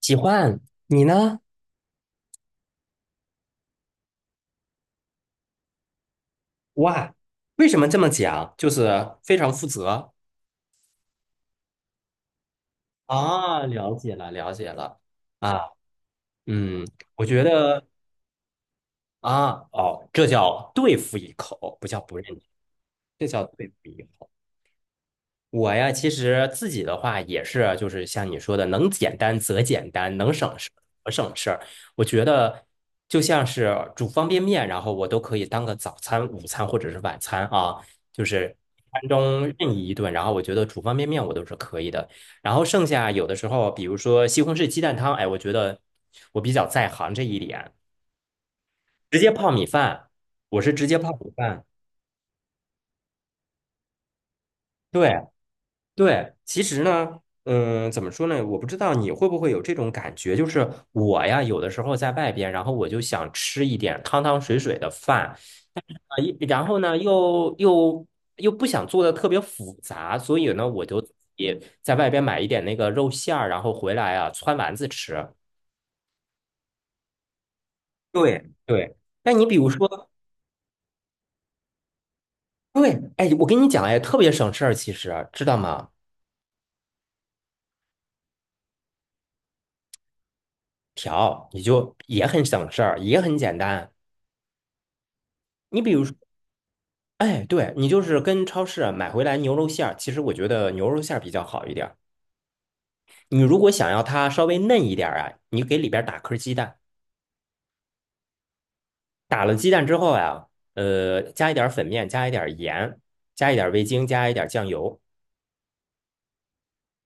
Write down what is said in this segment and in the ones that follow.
喜欢你呢哇？为什么这么讲？就是非常负责。啊，了解了，了解了。啊，嗯，我觉得啊，哦，这叫对付一口，不叫不认识，这叫对付一口。我呀，其实自己的话也是，就是像你说的，能简单则简单，能省事则省事儿。我觉得就像是煮方便面，然后我都可以当个早餐、午餐或者是晚餐啊，就是一餐中任意一顿。然后我觉得煮方便面我都是可以的。然后剩下有的时候，比如说西红柿鸡蛋汤，哎，我觉得我比较在行这一点，直接泡米饭，我是直接泡米饭，对。对，其实呢，嗯，怎么说呢？我不知道你会不会有这种感觉，就是我呀，有的时候在外边，然后我就想吃一点汤汤水水的饭啊，一然后呢，又不想做的特别复杂，所以呢，我就也在外边买一点那个肉馅儿，然后回来啊，汆丸子吃。对对，那你比如说。对，哎，我跟你讲，哎，特别省事儿，其实知道吗？调你就也很省事儿，也很简单。你比如说。哎，对，你就是跟超市啊买回来牛肉馅儿，其实我觉得牛肉馅儿比较好一点儿。你如果想要它稍微嫩一点儿啊，你给里边儿打颗鸡蛋，打了鸡蛋之后呀、加一点儿粉面，加一点儿盐，加一点儿味精，加一点儿酱油，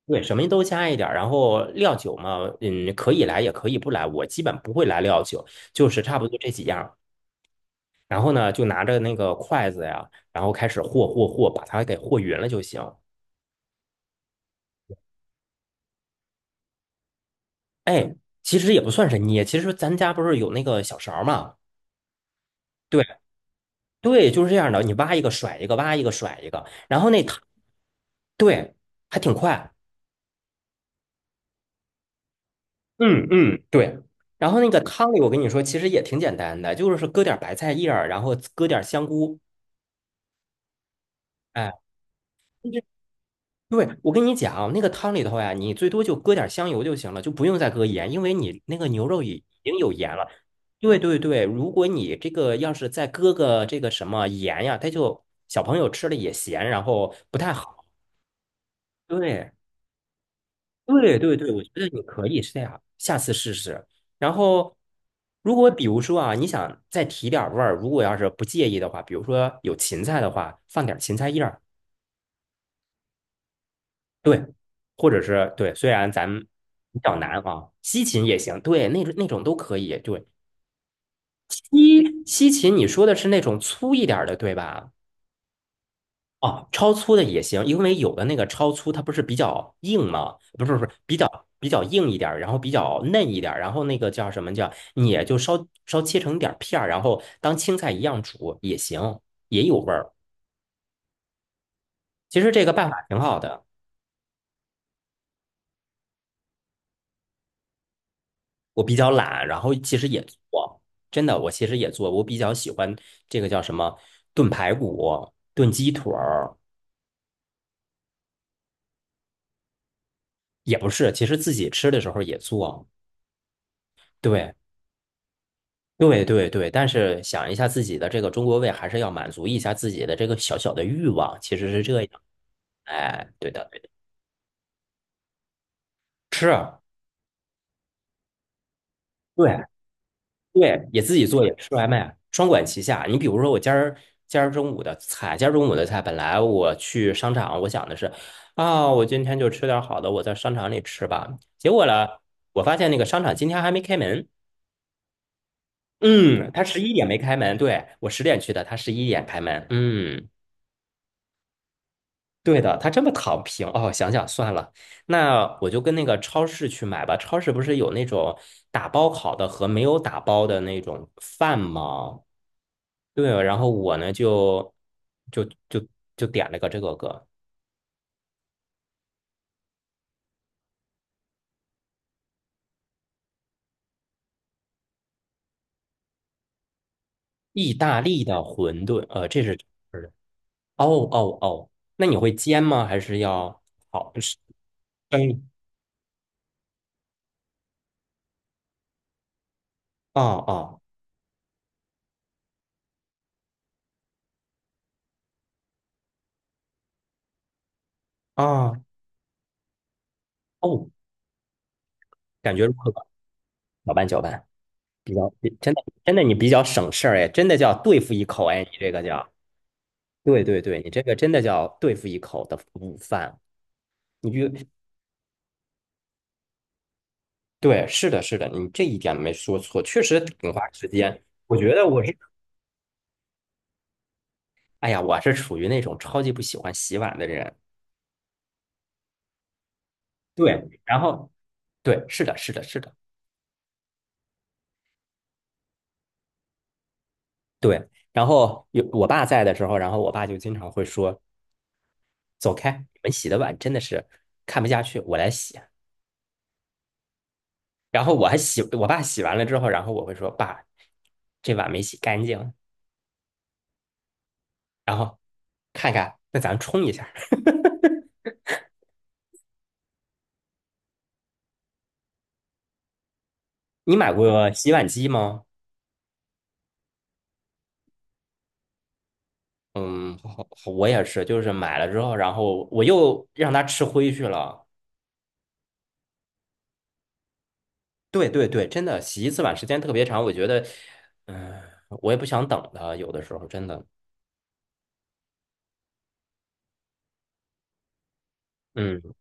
对，什么都加一点儿。然后料酒嘛，嗯，可以来也可以不来，我基本不会来料酒，就是差不多这几样儿然后呢，就拿着那个筷子呀，然后开始和，把它给和匀了就行。哎，其实也不算是捏，其实咱家不是有那个小勺儿嘛？对对，就是这样的，你挖一个甩一个，挖一个甩一个，然后那汤，对，还挺快。嗯嗯，对。然后那个汤里，我跟你说，其实也挺简单的，就是搁点白菜叶儿，然后搁点香菇，哎，对，我跟你讲，那个汤里头呀，你最多就搁点香油就行了，就不用再搁盐，因为你那个牛肉已经有盐了。对对对，如果你这个要是再搁个这个什么盐呀，它就小朋友吃了也咸，然后不太好。对对对对，我觉得你可以是这样，下次试试。然后，如果比如说啊，你想再提点儿味儿，如果要是不介意的话，比如说有芹菜的话，放点儿芹菜叶儿。对，或者是对，虽然咱们比较难啊，西芹也行，对，那种那种都可以。对，西芹你说的是那种粗一点儿的，对吧？哦，超粗的也行，因为有的那个超粗它不是比较硬吗？不是不是，比较硬一点儿然后比较嫩一点儿然后那个叫什么叫，你也就稍稍切成点儿片儿，然后当青菜一样煮也行，也有味儿。其实这个办法挺好的。我比较懒，然后其实也做，真的，我其实也做，我比较喜欢这个叫什么炖排骨、炖鸡腿儿，也不是，其实自己吃的时候也做，对，对，对，对，但是想一下自己的这个中国胃，还是要满足一下自己的这个小小的欲望，其实是这样，哎，对的，对的，是，对，对，也自己做，也吃外卖，双管齐下。你比如说，我今儿今儿中午的菜，今儿中午的菜，本来我去商场，我想的是，啊、我今天就吃点儿好的，我在商场里吃吧。结果呢，我发现那个商场今天还没开门。嗯，他十一点没开门，对，我10点去的，他十一点开门。嗯，对的，他这么躺平哦。想想算了，那我就跟那个超市去买吧。超市不是有那种打包好的和没有打包的那种饭吗？对，然后我呢就就就就点了个这个意大利的馄饨，这是是的。哦哦，那你会煎吗？还是要好是嗯啊哦哦哦哦，感觉如何？搅拌搅拌，比较真的真的你比较省事儿哎，真的叫对付一口哎，你这个叫对对对，你这个真的叫对付一口的午饭。你就对，是的，是的，你这一点没说错，确实挺花时间。我觉得我是哎呀，我是属于那种超级不喜欢洗碗的人。对，嗯然后对，是的，是的，是的，对。然后有我爸在的时候，然后我爸就经常会说："走开，你们洗的碗真的是看不下去，我来洗。"然后我还洗，我爸洗完了之后，然后我会说："爸，这碗没洗干净。"然后看看，那咱冲一下。你买过洗碗机吗？嗯，我也是，就是买了之后，然后我又让他吃灰去了。对对对，真的洗一次碗时间特别长，我觉得，嗯、我也不想等了，有的时候真的，嗯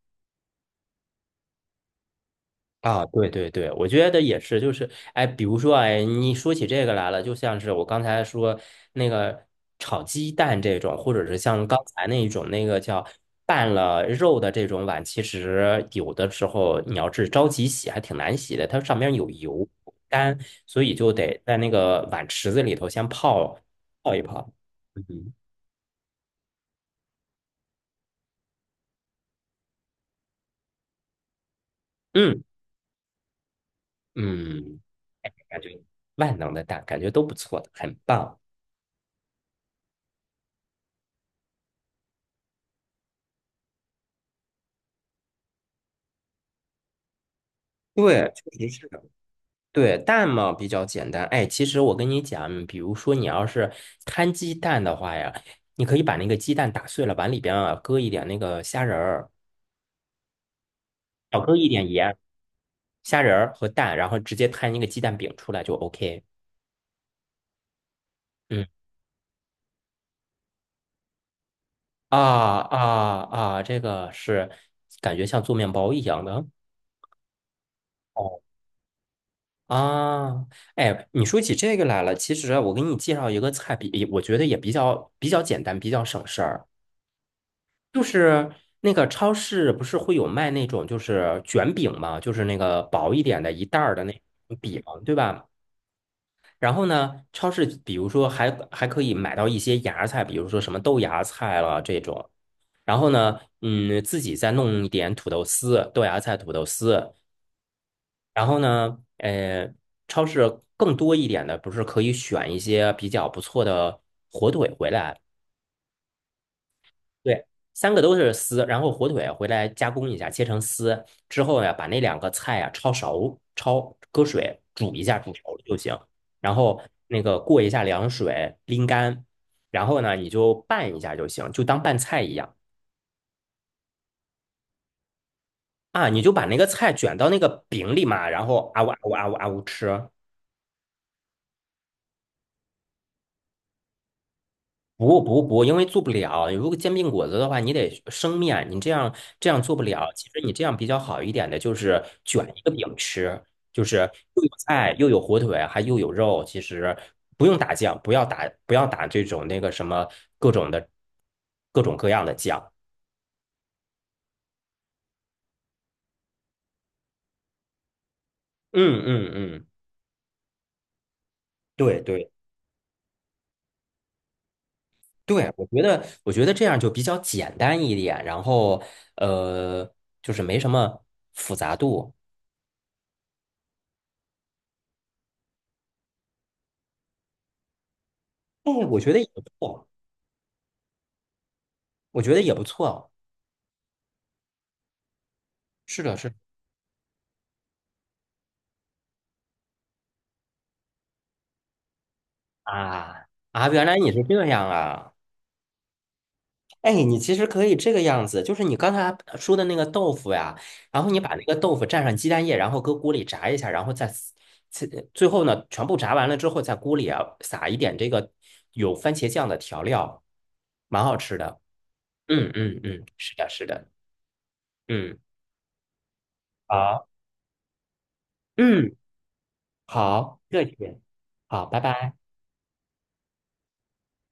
啊，对对对，我觉得也是，就是，哎，比如说，哎，你说起这个来了，就像是我刚才说那个炒鸡蛋这种，或者是像刚才那一种那个叫拌了肉的这种碗，其实有的时候你要是着急洗，还挺难洗的，它上面有油干，所以就得在那个碗池子里头先泡一泡。嗯。嗯嗯，感觉万能的蛋，感觉都不错的，很棒。对，确实是的。对，蛋嘛比较简单。哎，其实我跟你讲，比如说你要是摊鸡蛋的话呀，你可以把那个鸡蛋打碎了，往里边啊搁一点那个虾仁儿，少搁一点盐、虾仁儿和蛋，然后直接摊一个鸡蛋饼出来就 OK。嗯，啊，这个是感觉像做面包一样的。哦。啊，哎，你说起这个来了，其实啊我给你介绍一个菜比，我觉得也比较简单，比较省事儿。就是那个超市不是会有卖那种就是卷饼嘛，就是那个薄一点的一袋儿的那种饼，对吧？然后呢，超市比如说还可以买到一些芽菜，比如说什么豆芽菜了这种。然后呢，嗯，自己再弄一点土豆丝、豆芽菜、土豆丝。然后呢，超市更多一点的，不是可以选一些比较不错的火腿回来？对，三个都是丝，然后火腿回来加工一下，切成丝之后呀，把那两个菜呀焯熟，焯搁水煮一下，煮熟了就行。然后那个过一下凉水，拎干，然后呢，你就拌一下就行，就当拌菜一样啊。你就把那个菜卷到那个饼里嘛，然后啊呜啊呜啊呜啊呜吃。不不不，因为做不了。如果煎饼果子的话，你得生面，你这样这样做不了。其实你这样比较好一点的，就是卷一个饼吃，就是又有菜，又有火腿，还又有肉。其实不用打酱，不要打这种那个什么各种的各种各样的酱。嗯嗯嗯，对对对，我觉得这样就比较简单一点，然后呃，就是没什么复杂度。哎，我觉得也不错，我觉得也不错。是的，是的啊啊，原来你是这样啊！哎，你其实可以这个样子，就是你刚才说的那个豆腐呀，然后你把那个豆腐蘸上鸡蛋液，然后搁锅里炸一下，然后再撕最后呢，全部炸完了之后，在锅里啊撒一点这个有番茄酱的调料，蛮好吃的。嗯嗯嗯，是的，是的，嗯，好，嗯好，谢谢，好，拜拜。